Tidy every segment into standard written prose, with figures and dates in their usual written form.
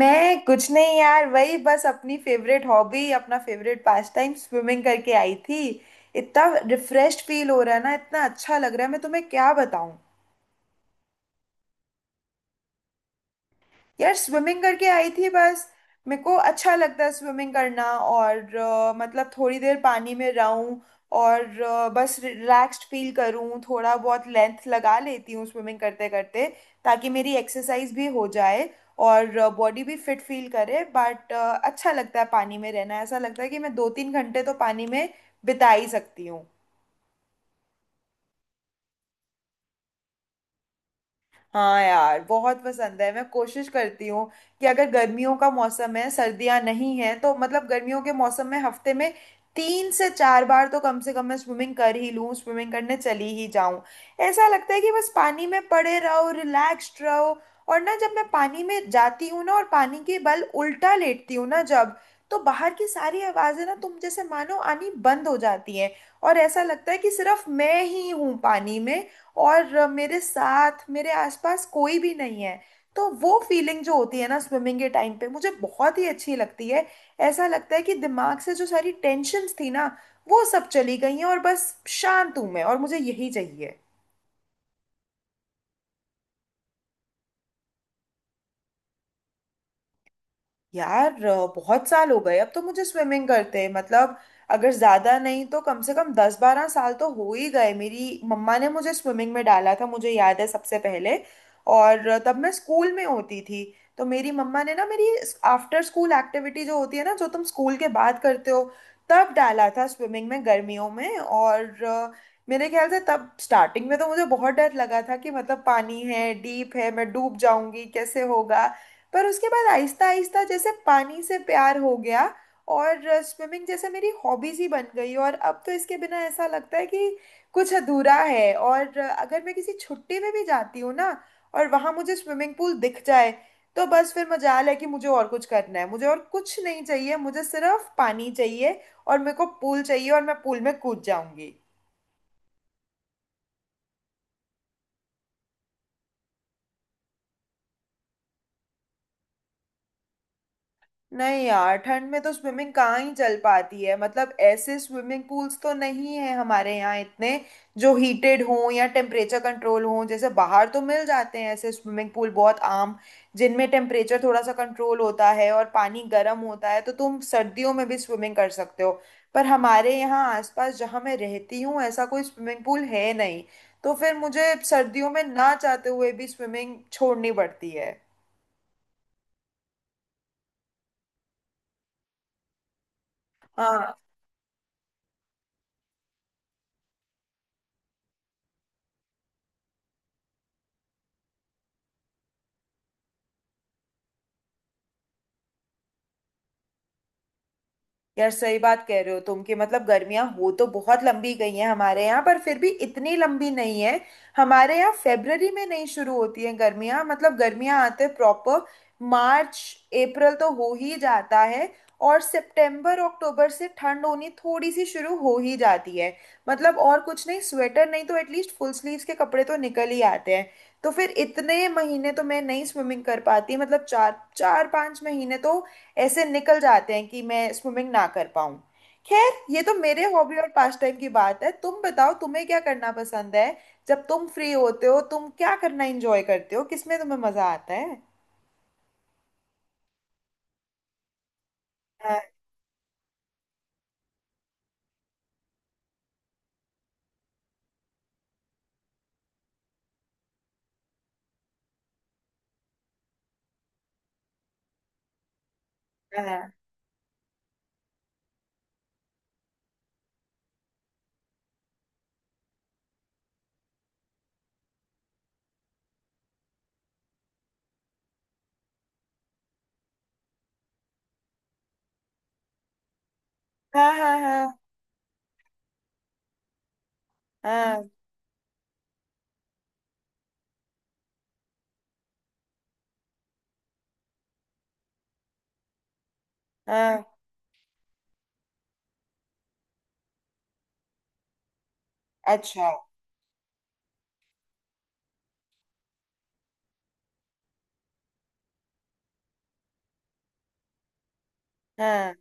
मैं कुछ नहीं यार। वही बस अपनी फेवरेट हॉबी, अपना फेवरेट पास टाइम, स्विमिंग करके आई थी। इतना रिफ्रेश फील हो रहा है ना, इतना अच्छा लग रहा है, मैं तुम्हें क्या बताऊं। यार स्विमिंग करके आई थी बस। मेरे को अच्छा लगता है स्विमिंग करना, और मतलब थोड़ी देर पानी में रहूं और बस रिलैक्स्ड फील करूं। थोड़ा बहुत लेंथ लगा लेती हूँ स्विमिंग करते करते, ताकि मेरी एक्सरसाइज भी हो जाए और बॉडी भी फिट फील करे। बट अच्छा लगता है पानी में रहना, ऐसा लगता है कि मैं दो तीन घंटे तो पानी में बिता ही सकती हूँ। हाँ यार बहुत पसंद है। मैं कोशिश करती हूँ कि अगर गर्मियों का मौसम है, सर्दियाँ नहीं है, तो मतलब गर्मियों के मौसम में हफ्ते में तीन से चार बार तो कम से कम मैं स्विमिंग कर ही लूँ, स्विमिंग करने चली ही जाऊँ। ऐसा लगता है कि बस पानी में पड़े रहो, रिलैक्स्ड रहो। और ना, जब मैं पानी में जाती हूँ ना, और पानी के बल उल्टा लेटती हूँ ना जब, तो बाहर की सारी आवाज़ें ना तुम जैसे मानो आनी बंद हो जाती हैं। और ऐसा लगता है कि सिर्फ मैं ही हूँ पानी में, और मेरे साथ मेरे आसपास कोई भी नहीं है। तो वो फीलिंग जो होती है ना स्विमिंग के टाइम पे, मुझे बहुत ही अच्छी लगती है। ऐसा लगता है कि दिमाग से जो सारी टेंशन्स थी ना, वो सब चली गई हैं, और बस शांत हूं मैं, और मुझे यही चाहिए। यार बहुत साल हो गए अब तो मुझे स्विमिंग करते। मतलब अगर ज्यादा नहीं तो कम से कम दस बारह साल तो हो ही गए। मेरी मम्मा ने मुझे स्विमिंग में डाला था, मुझे याद है सबसे पहले। और तब मैं स्कूल में होती थी। तो मेरी मम्मा ने ना मेरी आफ्टर स्कूल एक्टिविटी जो होती है ना, जो तुम स्कूल के बाद करते हो, तब डाला था स्विमिंग में गर्मियों में। और मेरे ख्याल से तब स्टार्टिंग में तो मुझे बहुत डर लगा था कि मतलब पानी है, डीप है, मैं डूब जाऊंगी, कैसे होगा। पर उसके बाद आहिस्ता आहिस्ता जैसे पानी से प्यार हो गया, और स्विमिंग जैसे मेरी हॉबीज ही बन गई। और अब तो इसके बिना ऐसा लगता है कि कुछ अधूरा है। और अगर मैं किसी छुट्टी में भी जाती हूँ ना, और वहां मुझे स्विमिंग पूल दिख जाए, तो बस फिर मजाल है कि मुझे और कुछ करना है। मुझे और कुछ नहीं चाहिए, मुझे सिर्फ पानी चाहिए, और मेरे को पूल चाहिए, और मैं पूल में कूद जाऊंगी। नहीं यार, ठंड में तो स्विमिंग कहाँ ही चल पाती है। मतलब ऐसे स्विमिंग पूल्स तो नहीं है हमारे यहाँ इतने, जो हीटेड हों या टेम्परेचर कंट्रोल हों। जैसे बाहर तो मिल जाते हैं ऐसे स्विमिंग पूल बहुत आम, जिनमें टेम्परेचर थोड़ा सा कंट्रोल होता है और पानी गर्म होता है, तो तुम सर्दियों में भी स्विमिंग कर सकते हो। पर हमारे यहाँ आसपास जहाँ मैं रहती हूँ, ऐसा कोई स्विमिंग पूल है नहीं, तो फिर मुझे सर्दियों में ना चाहते हुए भी स्विमिंग छोड़नी पड़ती है। हाँ यार, सही बात कह रहे हो तुम, कि मतलब गर्मियां हो तो बहुत लंबी गई हैं हमारे यहाँ, पर फिर भी इतनी लंबी नहीं है। हमारे यहाँ फेब्रवरी में नहीं शुरू होती हैं गर्मियां, मतलब गर्मियां आते प्रॉपर मार्च अप्रैल तो हो ही जाता है, और सितंबर अक्टूबर से ठंड होनी थोड़ी सी शुरू हो ही जाती है। मतलब और कुछ नहीं, स्वेटर नहीं तो एटलीस्ट फुल स्लीव्स के कपड़े तो निकल ही आते हैं। तो फिर इतने महीने तो मैं नहीं स्विमिंग कर पाती, मतलब चार चार पांच महीने तो ऐसे निकल जाते हैं कि मैं स्विमिंग ना कर पाऊँ। खैर ये तो मेरे हॉबी और पास टाइम की बात है, तुम बताओ तुम्हें क्या करना पसंद है। जब तुम फ्री होते हो, तुम क्या करना एंजॉय करते हो, किसमें तुम्हें मजा आता है। हाँ। हाँ। हाँ। हाँ। हाँ। हाँ। हाँ, अच्छा। हाँ।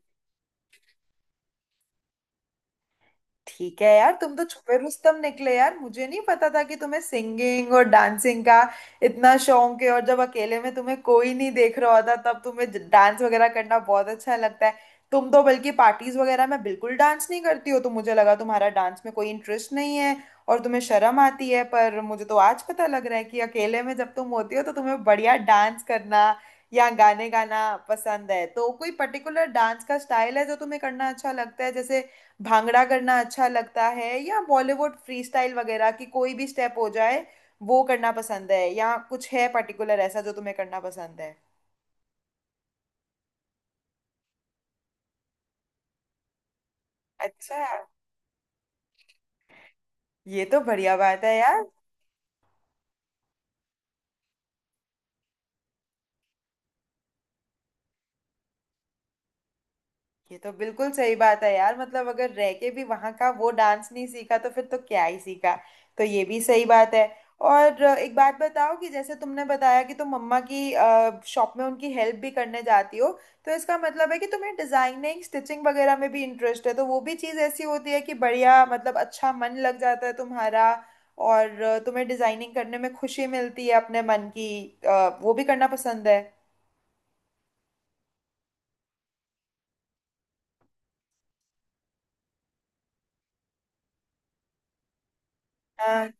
ठीक है यार, तुम तो छुपे रुस्तम निकले यार। मुझे नहीं पता था कि तुम्हें सिंगिंग और डांसिंग का इतना शौक है, और जब अकेले में तुम्हें कोई नहीं देख रहा होता, तब तुम्हें डांस वगैरह करना बहुत अच्छा लगता है। तुम तो बल्कि पार्टीज वगैरह में बिल्कुल डांस नहीं करती हो, तो मुझे लगा तुम्हारा डांस में कोई इंटरेस्ट नहीं है और तुम्हें शर्म आती है। पर मुझे तो आज पता लग रहा है कि अकेले में जब तुम होती हो, तो तुम्हें बढ़िया डांस करना या गाने गाना पसंद है। तो कोई पर्टिकुलर डांस का स्टाइल है जो तुम्हें करना अच्छा लगता है, जैसे भांगड़ा करना अच्छा लगता है, या बॉलीवुड फ्रीस्टाइल वगैरह की कोई भी स्टेप हो जाए वो करना पसंद है, या कुछ है पर्टिकुलर ऐसा जो तुम्हें करना पसंद है। अच्छा, ये तो बढ़िया बात है यार। ये तो बिल्कुल सही बात है यार, मतलब अगर रह के भी वहां का वो डांस नहीं सीखा, तो फिर तो क्या ही सीखा। तो ये भी सही बात है। और एक बात बताओ, कि जैसे तुमने बताया कि तुम मम्मा की शॉप में उनकी हेल्प भी करने जाती हो, तो इसका मतलब है कि तुम्हें डिजाइनिंग स्टिचिंग वगैरह में भी इंटरेस्ट है। तो वो भी चीज़ ऐसी होती है कि बढ़िया, मतलब अच्छा मन लग जाता है तुम्हारा। और तुम्हें डिजाइनिंग करने में खुशी मिलती है अपने मन की, वो भी करना पसंद है। हाँ।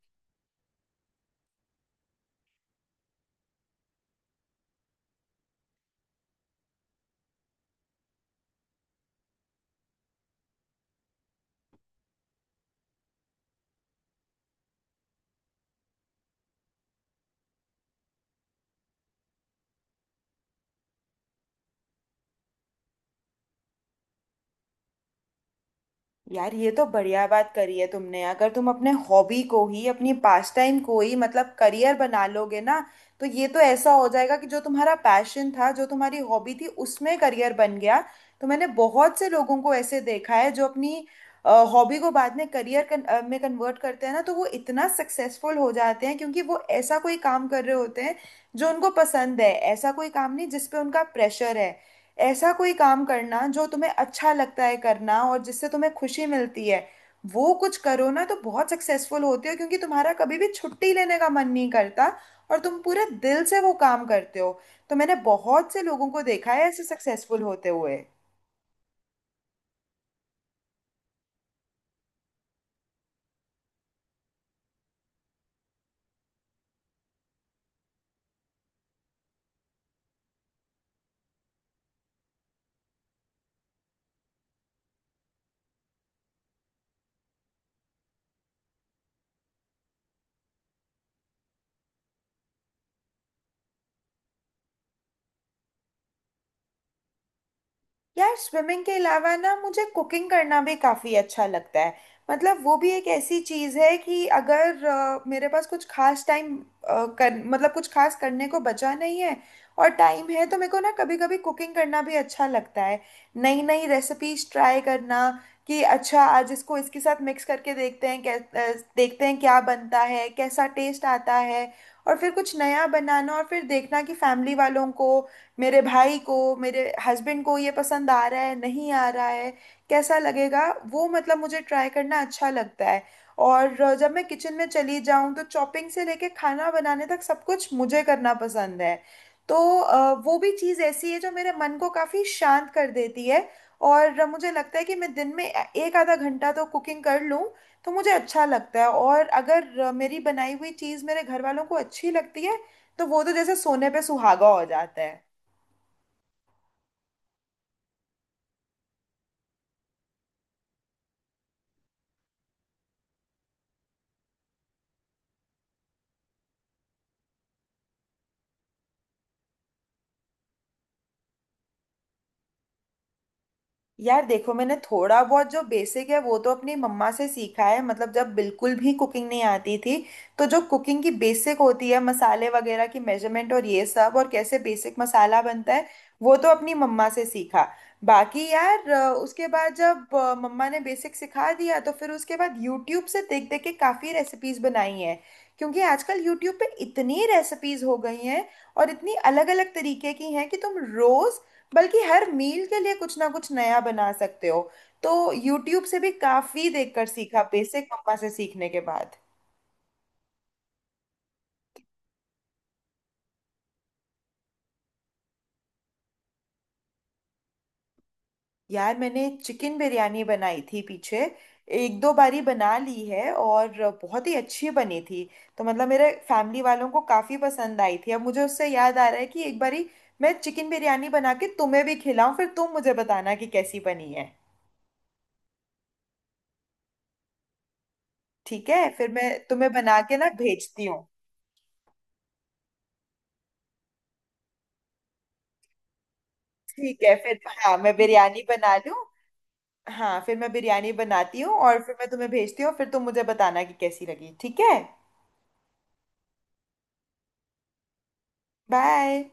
यार ये तो बढ़िया बात करी है तुमने। अगर तुम अपने हॉबी को ही, अपनी पास टाइम को ही मतलब करियर बना लोगे ना, तो ये तो ऐसा हो जाएगा कि जो तुम्हारा पैशन था, जो तुम्हारी हॉबी थी, उसमें करियर बन गया। तो मैंने बहुत से लोगों को ऐसे देखा है जो अपनी हॉबी को बाद में करियर में कन्वर्ट करते हैं ना, तो वो इतना सक्सेसफुल हो जाते हैं, क्योंकि वो ऐसा कोई काम कर रहे होते हैं जो उनको पसंद है, ऐसा कोई काम नहीं जिस पे उनका प्रेशर है। ऐसा कोई काम करना जो तुम्हें अच्छा लगता है करना, और जिससे तुम्हें खुशी मिलती है, वो कुछ करो ना, तो बहुत सक्सेसफुल होते हो, क्योंकि तुम्हारा कभी भी छुट्टी लेने का मन नहीं करता, और तुम पूरे दिल से वो काम करते हो। तो मैंने बहुत से लोगों को देखा है ऐसे सक्सेसफुल होते हुए। यार स्विमिंग के अलावा ना मुझे कुकिंग करना भी काफ़ी अच्छा लगता है। मतलब वो भी एक ऐसी चीज़ है कि अगर मेरे पास कुछ खास टाइम कर, मतलब कुछ खास करने को बचा नहीं है और टाइम है, तो मेरे को ना कभी कभी कुकिंग करना भी अच्छा लगता है। नई नई रेसिपीज ट्राई करना, कि अच्छा आज इसको इसके साथ मिक्स करके देखते हैं देखते हैं क्या बनता है, कैसा टेस्ट आता है। और फिर कुछ नया बनाना, और फिर देखना कि फैमिली वालों को, मेरे भाई को, मेरे हस्बैंड को ये पसंद आ रहा है, नहीं आ रहा है, कैसा लगेगा। वो मतलब मुझे ट्राई करना अच्छा लगता है। और जब मैं किचन में चली जाऊं, तो चॉपिंग से लेके खाना बनाने तक सब कुछ मुझे करना पसंद है। तो वो भी चीज़ ऐसी है जो मेरे मन को काफ़ी शांत कर देती है। और मुझे लगता है कि मैं दिन में एक आधा घंटा तो कुकिंग कर लूं, तो मुझे अच्छा लगता है। और अगर मेरी बनाई हुई चीज़ मेरे घर वालों को अच्छी लगती है, तो वो तो जैसे सोने पे सुहागा हो जाता है। यार देखो, मैंने थोड़ा बहुत जो बेसिक है वो तो अपनी मम्मा से सीखा है। मतलब जब बिल्कुल भी कुकिंग नहीं आती थी, तो जो कुकिंग की बेसिक होती है, मसाले वगैरह की मेजरमेंट और ये सब, और कैसे बेसिक मसाला बनता है, वो तो अपनी मम्मा से सीखा। बाकी यार उसके बाद जब मम्मा ने बेसिक सिखा दिया, तो फिर उसके बाद यूट्यूब से देख देख के काफ़ी रेसिपीज बनाई हैं। क्योंकि आजकल यूट्यूब पे इतनी रेसिपीज हो गई हैं, और इतनी अलग अलग तरीके की हैं कि तुम रोज, बल्कि हर मील के लिए कुछ ना कुछ नया बना सकते हो। तो यूट्यूब से भी काफी देखकर सीखा, बेसिक मम्मा से सीखने के बाद। यार मैंने चिकन बिरयानी बनाई थी पीछे, एक दो बारी बना ली है, और बहुत ही अच्छी बनी थी। तो मतलब मेरे फैमिली वालों को काफी पसंद आई थी। अब मुझे उससे याद आ रहा है कि एक बारी मैं चिकन बिरयानी बना के तुम्हें भी खिलाऊं, फिर तुम मुझे बताना कि कैसी बनी है। ठीक है, फिर मैं तुम्हें बना के ना भेजती हूँ। ठीक है, फिर हाँ मैं बिरयानी बना लूँ। हाँ फिर मैं बिरयानी बनाती हूँ, और फिर मैं तुम्हें भेजती हूँ, फिर तुम मुझे बताना कि कैसी लगी, ठीक है। बाय।